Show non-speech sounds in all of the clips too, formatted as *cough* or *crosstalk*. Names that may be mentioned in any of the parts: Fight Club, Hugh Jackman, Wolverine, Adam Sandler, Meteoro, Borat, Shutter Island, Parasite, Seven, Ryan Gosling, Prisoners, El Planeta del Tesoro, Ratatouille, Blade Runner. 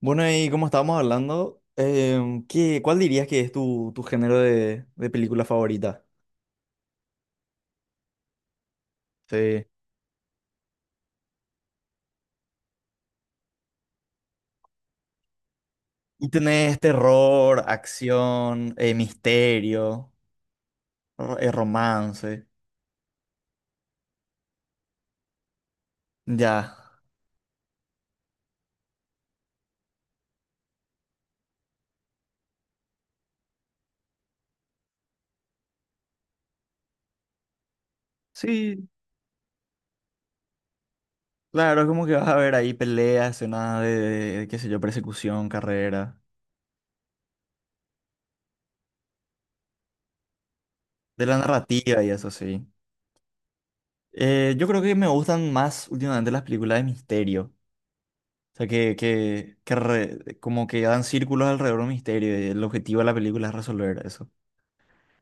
Bueno, y como estábamos hablando, ¿qué, cuál dirías que es tu género de película favorita? Sí. Y tenés terror, acción, misterio, romance. Ya. Sí, claro, es como que vas a ver ahí peleas, escenas qué sé yo, persecución, carrera, de la narrativa y eso sí. Yo creo que me gustan más últimamente las películas de misterio. O sea, como que dan círculos alrededor de un misterio y el objetivo de la película es resolver eso.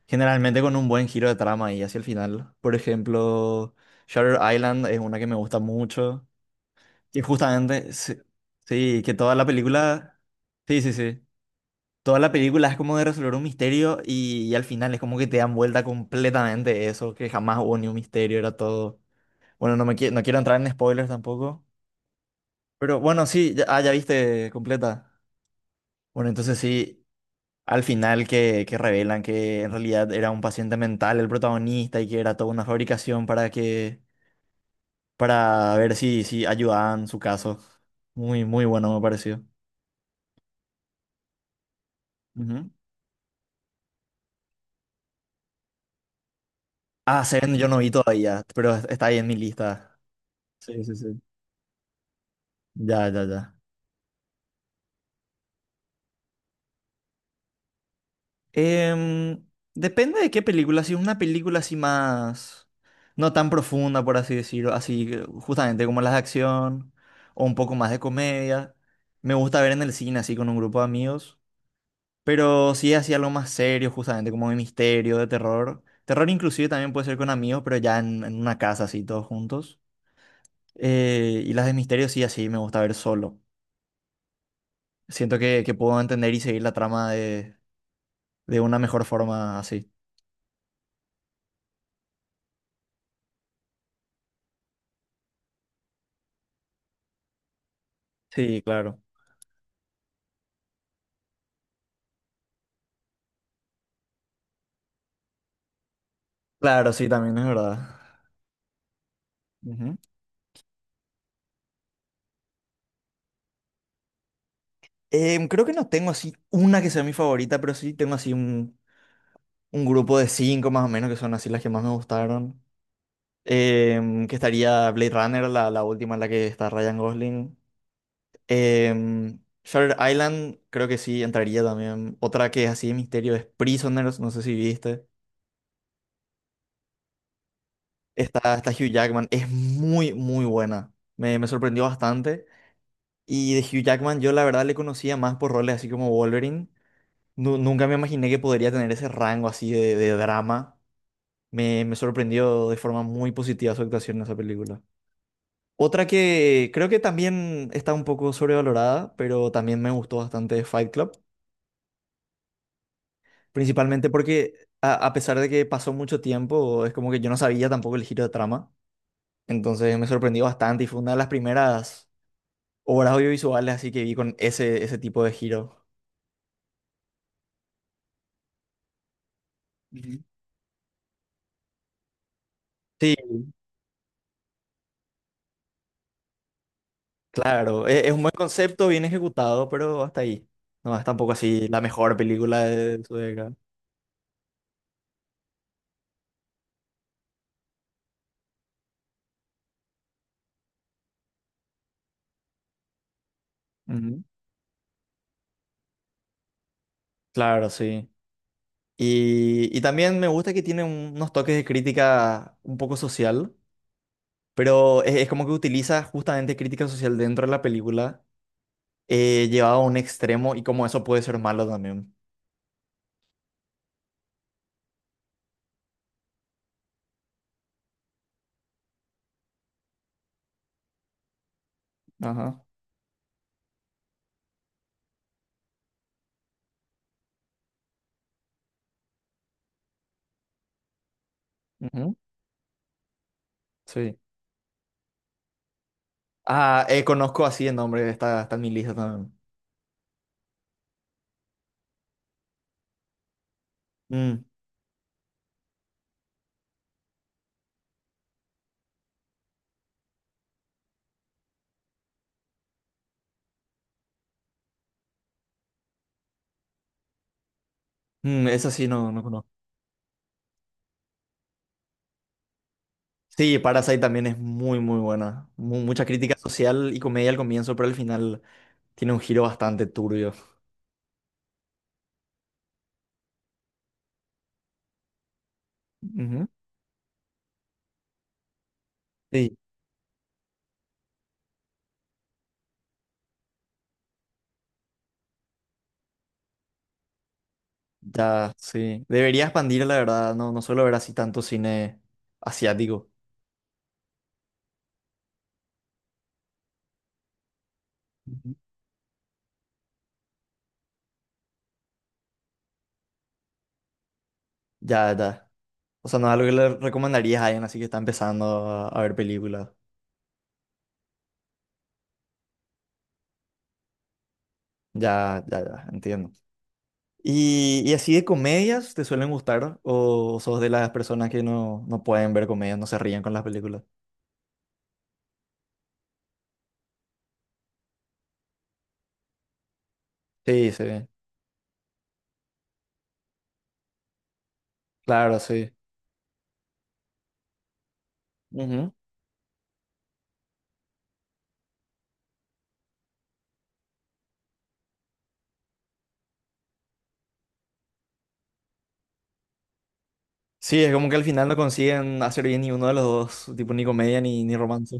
Generalmente con un buen giro de trama y hacia el final. Por ejemplo, Shutter Island es una que me gusta mucho. Y justamente, sí, sí, que toda la película... Sí, sí, sí. Toda la película es como de resolver un misterio y al final es como que te dan vuelta completamente eso, que jamás hubo ni un misterio, era todo... Bueno, no quiero entrar en spoilers tampoco. Pero bueno, sí, ya, ah, ya viste completa. Bueno, entonces sí, al final que revelan que en realidad era un paciente mental el protagonista y que era toda una fabricación para que, para ver si ayudaban su caso. Muy, muy bueno me pareció. Ujú. Ah, Seven yo no vi todavía, pero está ahí en mi lista. Sí, sí, sí. Ya, ya, ya. Em, depende de qué película. Si es una película así más... No tan profunda, por así decirlo. Así, justamente como las de acción. O un poco más de comedia. Me gusta ver en el cine así con un grupo de amigos. Pero si es así algo más serio, justamente como de misterio, de terror. Terror inclusive también puede ser con amigos, pero ya en una casa así todos juntos. Y las de misterio sí, así me gusta ver solo. Siento que puedo entender y seguir la trama de una mejor forma así. Sí, claro. Claro, sí, también es verdad. Ujú. Creo que no tengo así una que sea mi favorita, pero sí tengo así un grupo de cinco más o menos que son así las que más me gustaron. Que estaría Blade Runner, la última en la que está Ryan Gosling. Em, Shutter Island, creo que sí, entraría también. Otra que es así de misterio es Prisoners, no sé si viste. Está Hugh Jackman, es muy, muy buena. Me sorprendió bastante. Y de Hugh Jackman yo la verdad le conocía más por roles así como Wolverine. Nunca me imaginé que podría tener ese rango así de drama. Me sorprendió de forma muy positiva su actuación en esa película. Otra que creo que también está un poco sobrevalorada, pero también me gustó bastante es Fight Club. Principalmente porque a pesar de que pasó mucho tiempo, es como que yo no sabía tampoco el giro de trama. Entonces me sorprendió bastante y fue una de las primeras obras audiovisuales así que vi con ese tipo de giro. Ujú. Sí. Claro, es un buen concepto, bien ejecutado, pero hasta ahí. No es tampoco así la mejor película de su década. Ujú. Claro, sí. Y también me gusta que tiene unos toques de crítica un poco social, pero es como que utiliza justamente crítica social dentro de la película, llevado a un extremo y como eso puede ser malo también. Ajá. Ujú. Sí. Ah, conozco así el nombre, está en mi lista también. Mm, esa sí no, no conozco. Sí, Parasite también es muy, muy buena. Mucha crítica social y comedia al comienzo, pero al final tiene un giro bastante turbio. Ujú. Sí, ya, sí. Debería expandir, la verdad. No, no suelo ver así tanto cine asiático. Ujú. Ya, ya. O sea, no es algo que le recomendarías a alguien así que está empezando a ver películas. Ya, ya, ya, entiendo. Y así de comedias te suelen gustar? ¿O sos de las personas que no, no pueden ver comedias, no se ríen con las películas? Sí, sí, claro, sí. Sí, es como que al final no consiguen hacer bien ni uno de los dos, tipo ni comedia ni romance.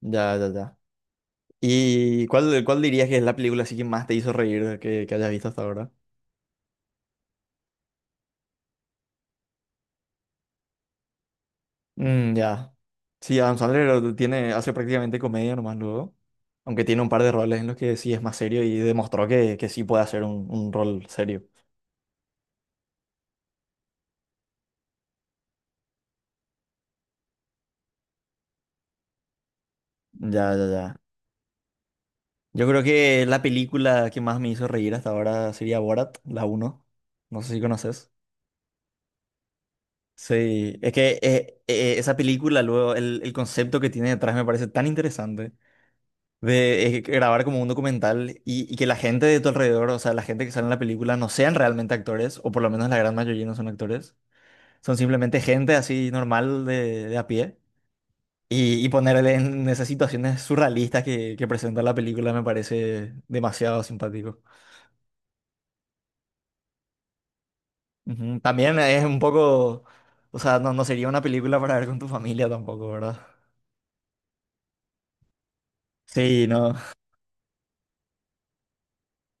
Ya, ya, ya. ¿Y cuál, cuál dirías que es la película así que más te hizo reír que hayas visto hasta ahora? Mm, ya. Sí, Adam Sandler tiene, hace prácticamente comedia nomás luego. Aunque tiene un par de roles en los que sí es más serio y demostró que sí puede hacer un rol serio. Ya, ya, ya. Yo creo que la película que más me hizo reír hasta ahora sería Borat, la uno. No sé si conoces. Sí, es que esa película, luego, el concepto que tiene detrás me parece tan interesante de grabar como un documental y que la gente de tu alrededor, o sea, la gente que sale en la película, no sean realmente actores, o por lo menos la gran mayoría no son actores, son simplemente gente así normal de a pie y ponerle en esas situaciones surrealistas que presenta la película me parece demasiado simpático. Ujú, también es un poco, o sea, no, no sería una película para ver con tu familia tampoco, ¿verdad? Sí, no.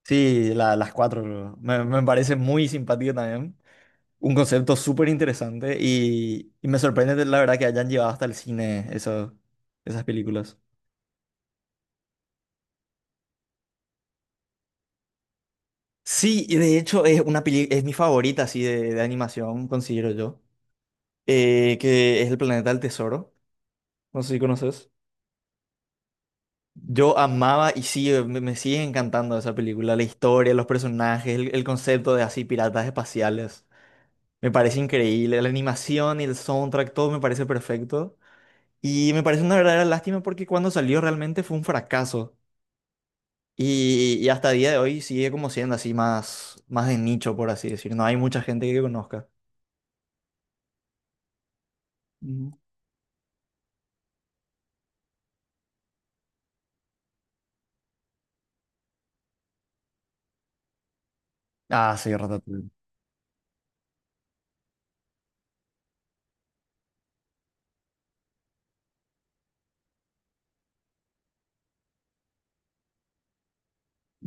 Sí, la- las cuatro me parece muy simpático también. Un concepto súper interesante y me sorprende la verdad que hayan llevado hasta el cine esas películas. Sí, y de hecho es una es mi favorita así de animación, considero yo, que es El Planeta del Tesoro. No sé si conoces. Yo amaba y sí, me sigue encantando esa película, la historia, los personajes, el concepto de así piratas espaciales. Me parece increíble, la animación y el soundtrack, todo me parece perfecto. Y me parece una verdadera lástima porque cuando salió realmente fue un fracaso. Y hasta día de hoy sigue como siendo así más, más de nicho, por así decir. No hay mucha gente que conozca. Ujú. Ah, sí, Ratatouille. *laughs*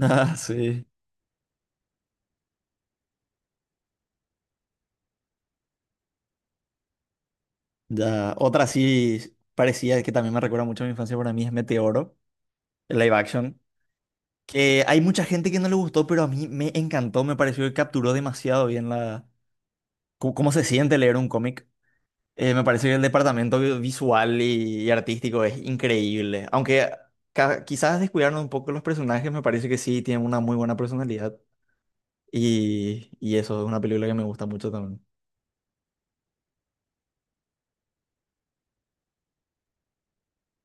Ah, sí. Ya. Otra sí parecía que también me recuerda mucho a mi infancia para mí es Meteoro, el live action. Que hay mucha gente que no le gustó, pero a mí me encantó, me pareció que capturó demasiado bien la... Cómo cómo se siente leer un cómic. Me parece que el departamento visual y artístico es increíble. Aunque quizás descuidaron un poco los personajes, me parece que sí tienen una muy buena personalidad. Y eso es una película que me gusta mucho también.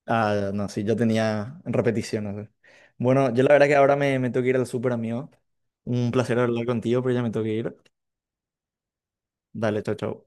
Ah, no, sí, yo tenía repeticiones. ¿Eh? Bueno, yo la verdad que ahora me tengo que ir al súper, amigo. Un placer hablar contigo, pero ya me tengo que ir. Dale, chao, chao.